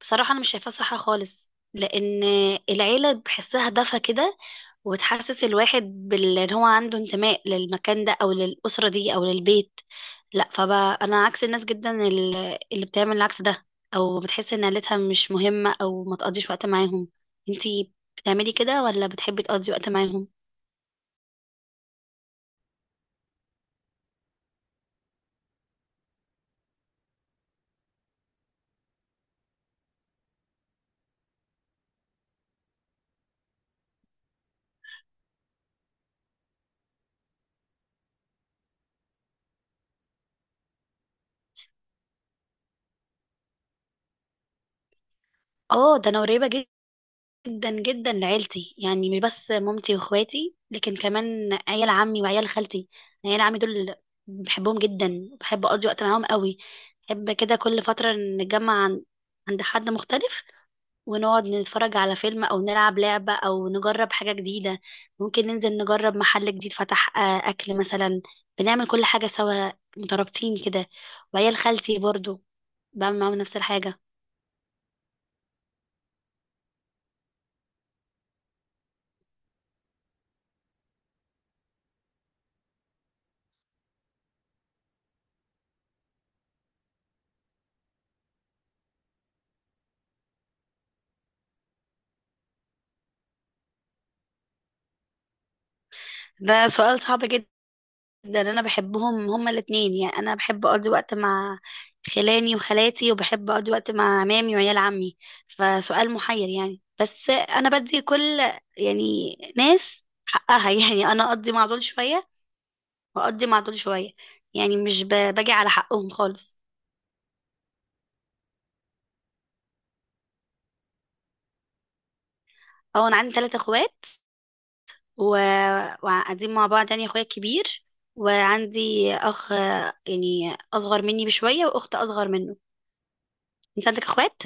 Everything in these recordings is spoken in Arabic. بصراحة أنا مش شايفاها صح خالص، لأن العيلة بحسها دفى كده وتحسس الواحد إن هو عنده انتماء للمكان ده أو للأسرة دي أو للبيت. لا، فبقى أنا عكس الناس جدا اللي بتعمل العكس ده أو بتحس إن عيلتها مش مهمة أو ما تقضيش وقت معاهم. انتي بتعملي كده ولا بتحبي تقضي وقت معاهم؟ اه، ده أنا قريبة جدا جدا لعيلتي، يعني مش بس مامتي واخواتي لكن كمان عيال عمي وعيال خالتي. عيال عمي دول بحبهم جدا، بحب اقضي وقت معاهم قوي. بحب كده كل فترة نتجمع عند حد مختلف ونقعد نتفرج على فيلم او نلعب لعبة او نجرب حاجة جديدة. ممكن ننزل نجرب محل جديد فتح، اكل مثلا. بنعمل كل حاجة سوا، مترابطين كده. وعيال خالتي برضو بعمل معاهم نفس الحاجة. ده سؤال صعب جدا، ده اللي انا بحبهم هما الاتنين. يعني انا بحب اقضي وقت مع خلاني وخالاتي، وبحب اقضي وقت مع عمامي وعيال عمي، فسؤال محير يعني. بس انا بدي كل يعني ناس حقها يعني انا اقضي مع دول شوية واقضي مع دول شوية. يعني مش باجي على حقهم خالص. اه، انا عندي 3 اخوات و... وقاعدين مع بعض. يعني اخويا كبير وعندي اخ يعني اصغر مني بشوية واخت اصغر منه. انت عندك اخوات؟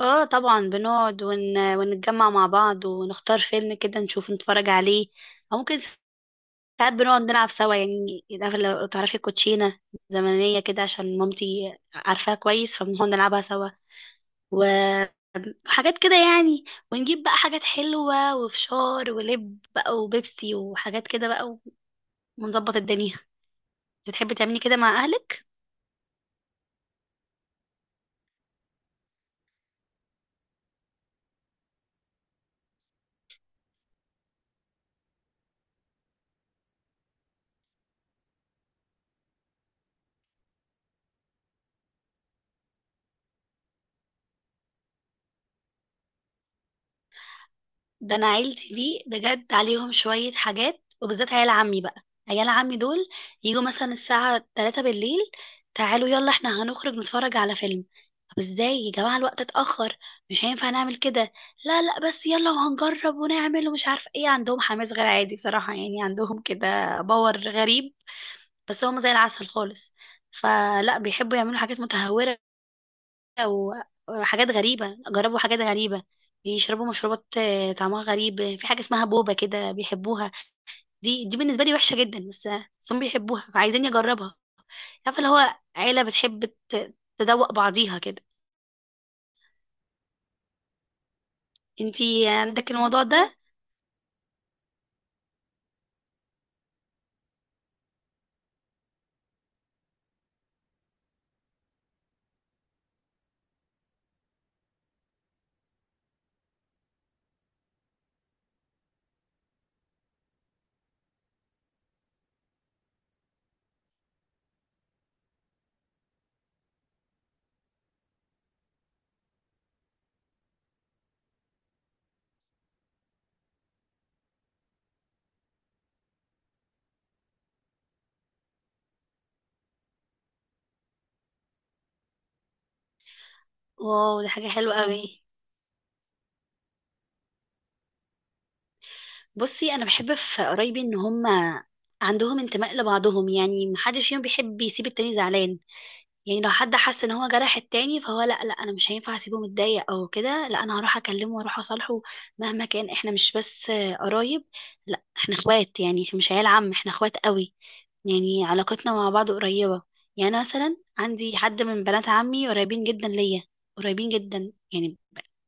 اه طبعا، بنقعد ونتجمع مع بعض ونختار فيلم كده نشوف نتفرج عليه، او ممكن ساعات بنقعد نلعب سوا. يعني عارفة لو تعرفي الكوتشينة زمنية كده عشان مامتي عارفاها كويس، فبنقعد نلعبها سوا وحاجات كده يعني. ونجيب بقى حاجات حلوة وفشار ولب بقى وبيبسي وحاجات كده بقى، ونظبط الدنيا. بتحبي تعملي كده مع اهلك؟ ده انا عيلتي دي بجد عليهم شوية حاجات، وبالذات عيال عمي بقى. عيال عمي دول يجوا مثلا الساعة 3 بالليل، تعالوا يلا احنا هنخرج نتفرج على فيلم. طب ازاي يا جماعة الوقت اتأخر، مش هينفع نعمل كده. لا لا، بس يلا وهنجرب ونعمل ومش عارفة ايه. عندهم حماس غير عادي بصراحة، يعني عندهم كده باور غريب. بس هم زي العسل خالص، فلا بيحبوا يعملوا حاجات متهورة و- وحاجات غريبة. جربوا حاجات غريبة، بيشربوا مشروبات طعمها غريب. في حاجة اسمها بوبا كده بيحبوها. دي بالنسبة لي وحشة جدا، بس هم بيحبوها فعايزين يجربها. عارفة اللي هو عيلة بتحب تدوق بعضيها كده. انتي عندك الموضوع ده؟ واو، ده حاجة حلوة قوي. بصي انا بحب في قرايبي ان هم عندهم انتماء لبعضهم. يعني محدش فيهم بيحب يسيب التاني زعلان، يعني لو حد حس ان هو جرح التاني فهو لا لا، انا مش هينفع اسيبه متضايق او كده. لا، انا هروح اكلمه واروح اصالحه مهما كان. احنا مش بس قرايب، لا احنا اخوات. يعني احنا مش عيال عم، احنا اخوات قوي. يعني علاقتنا مع بعض قريبة. يعني أنا مثلا عندي حد من بنات عمي قريبين جدا ليا، قريبين جدا يعني.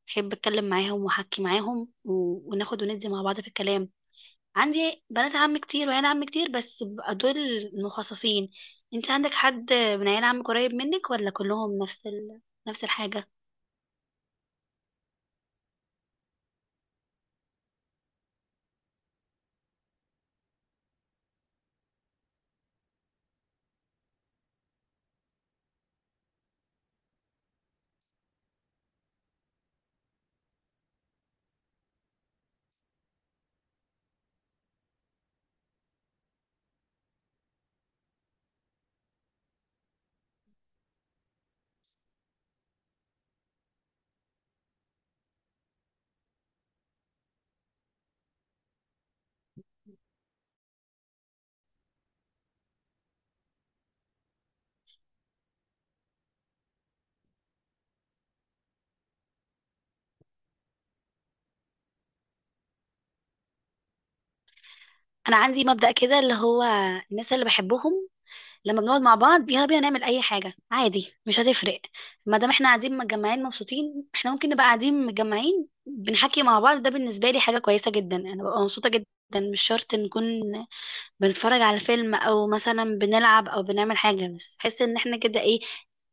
بحب اتكلم معاهم واحكي معاهم وناخد وندي مع بعض في الكلام. عندي بنات عم كتير وعيال عم كتير، بس بقى دول المخصصين. انت عندك حد من عيال عم قريب منك ولا كلهم نفس الحاجة؟ انا عندي مبدأ كده اللي هو الناس اللي بحبهم لما بنقعد مع بعض يلا بينا نعمل اي حاجة عادي، مش هتفرق. ما دام احنا قاعدين متجمعين مبسوطين، احنا ممكن نبقى قاعدين متجمعين بنحكي مع بعض. ده بالنسبة لي حاجة كويسة جدا، انا ببقى مبسوطة جدا. مش شرط نكون بنتفرج على فيلم او مثلا بنلعب او بنعمل حاجة، بس حس ان احنا كده ايه،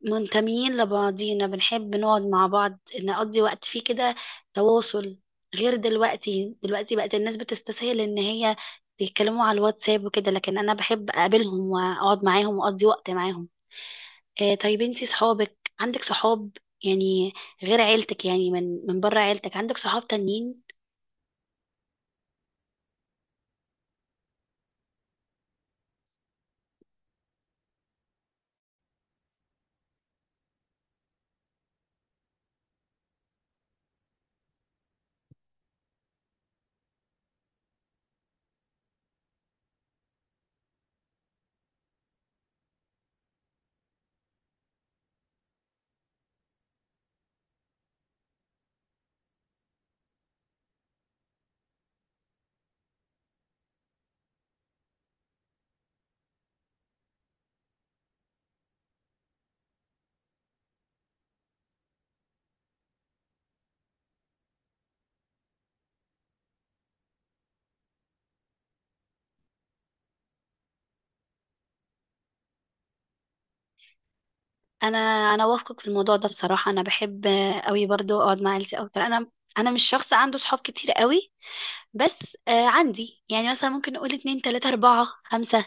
منتميين لبعضينا. بنحب نقعد مع بعض نقضي وقت فيه كده، تواصل. غير دلوقتي، دلوقتي بقت الناس بتستسهل ان هي يتكلموا على الواتساب وكده، لكن انا بحب اقابلهم واقعد معاهم واقضي وقت معاهم. آه، طيب انتي صحابك؟ عندك صحاب يعني غير عيلتك؟ يعني من بره عيلتك عندك صحاب تانيين؟ انا انا وافقك في الموضوع ده بصراحه. انا بحب قوي برضو اقعد مع عيلتي اكتر. انا مش شخص عنده صحاب كتير قوي، بس آه عندي يعني مثلا ممكن نقول اتنين تلاتة أربعة خمسة.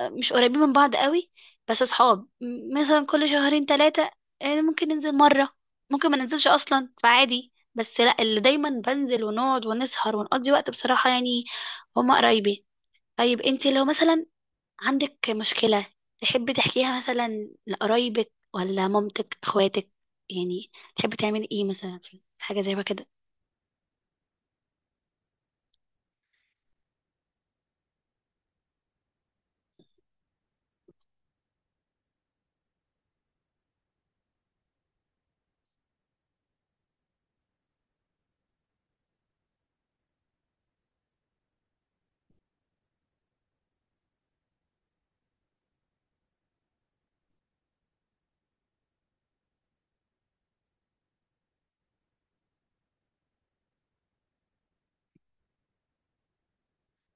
آه مش قريبين من بعض قوي. بس صحاب مثلا كل شهرين تلاتة، آه ممكن ننزل مرة، ممكن ما ننزلش أصلا فعادي. بس لا، اللي دايما بنزل ونقعد ونسهر ونقضي وقت بصراحة يعني هما قرايبي. طيب انتي لو مثلا عندك مشكلة تحبي تحكيها مثلا لقرايبك ولا مامتك اخواتك؟ يعني تحبي تعملي ايه مثلا في حاجة زي ما كده؟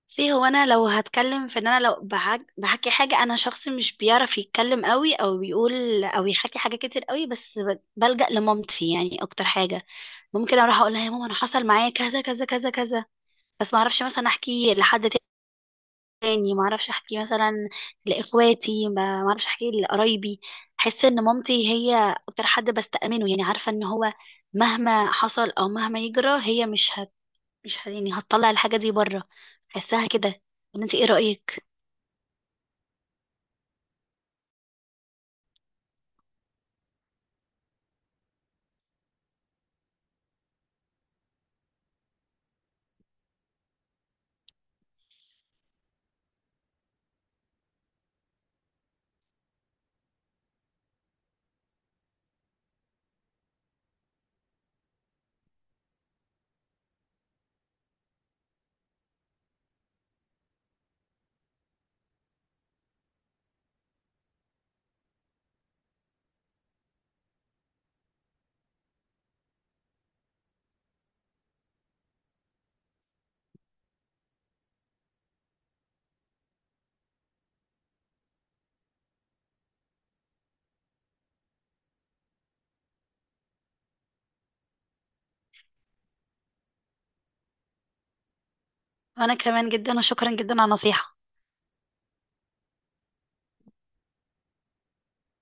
سي هو انا لو هتكلم في ان انا لو بحكي حاجة، انا شخص مش بيعرف يتكلم قوي او بيقول او يحكي حاجة كتير قوي. بس بلجأ لمامتي يعني اكتر حاجة. ممكن اروح اقول لها يا ماما انا حصل معايا كذا كذا كذا كذا، بس ما اعرفش مثلا احكي لحد تاني، ما اعرفش احكي مثلا لاخواتي، ما اعرفش احكي لقرايبي. احس ان مامتي هي اكتر حد بستأمنه. يعني عارفه ان هو مهما حصل او مهما يجرى هي مش هت مش هت... يعني هتطلع الحاجه دي بره. احسها كده، ولا انت ايه رأيك؟ وانا كمان جدا، وشكرا جدا على النصيحه.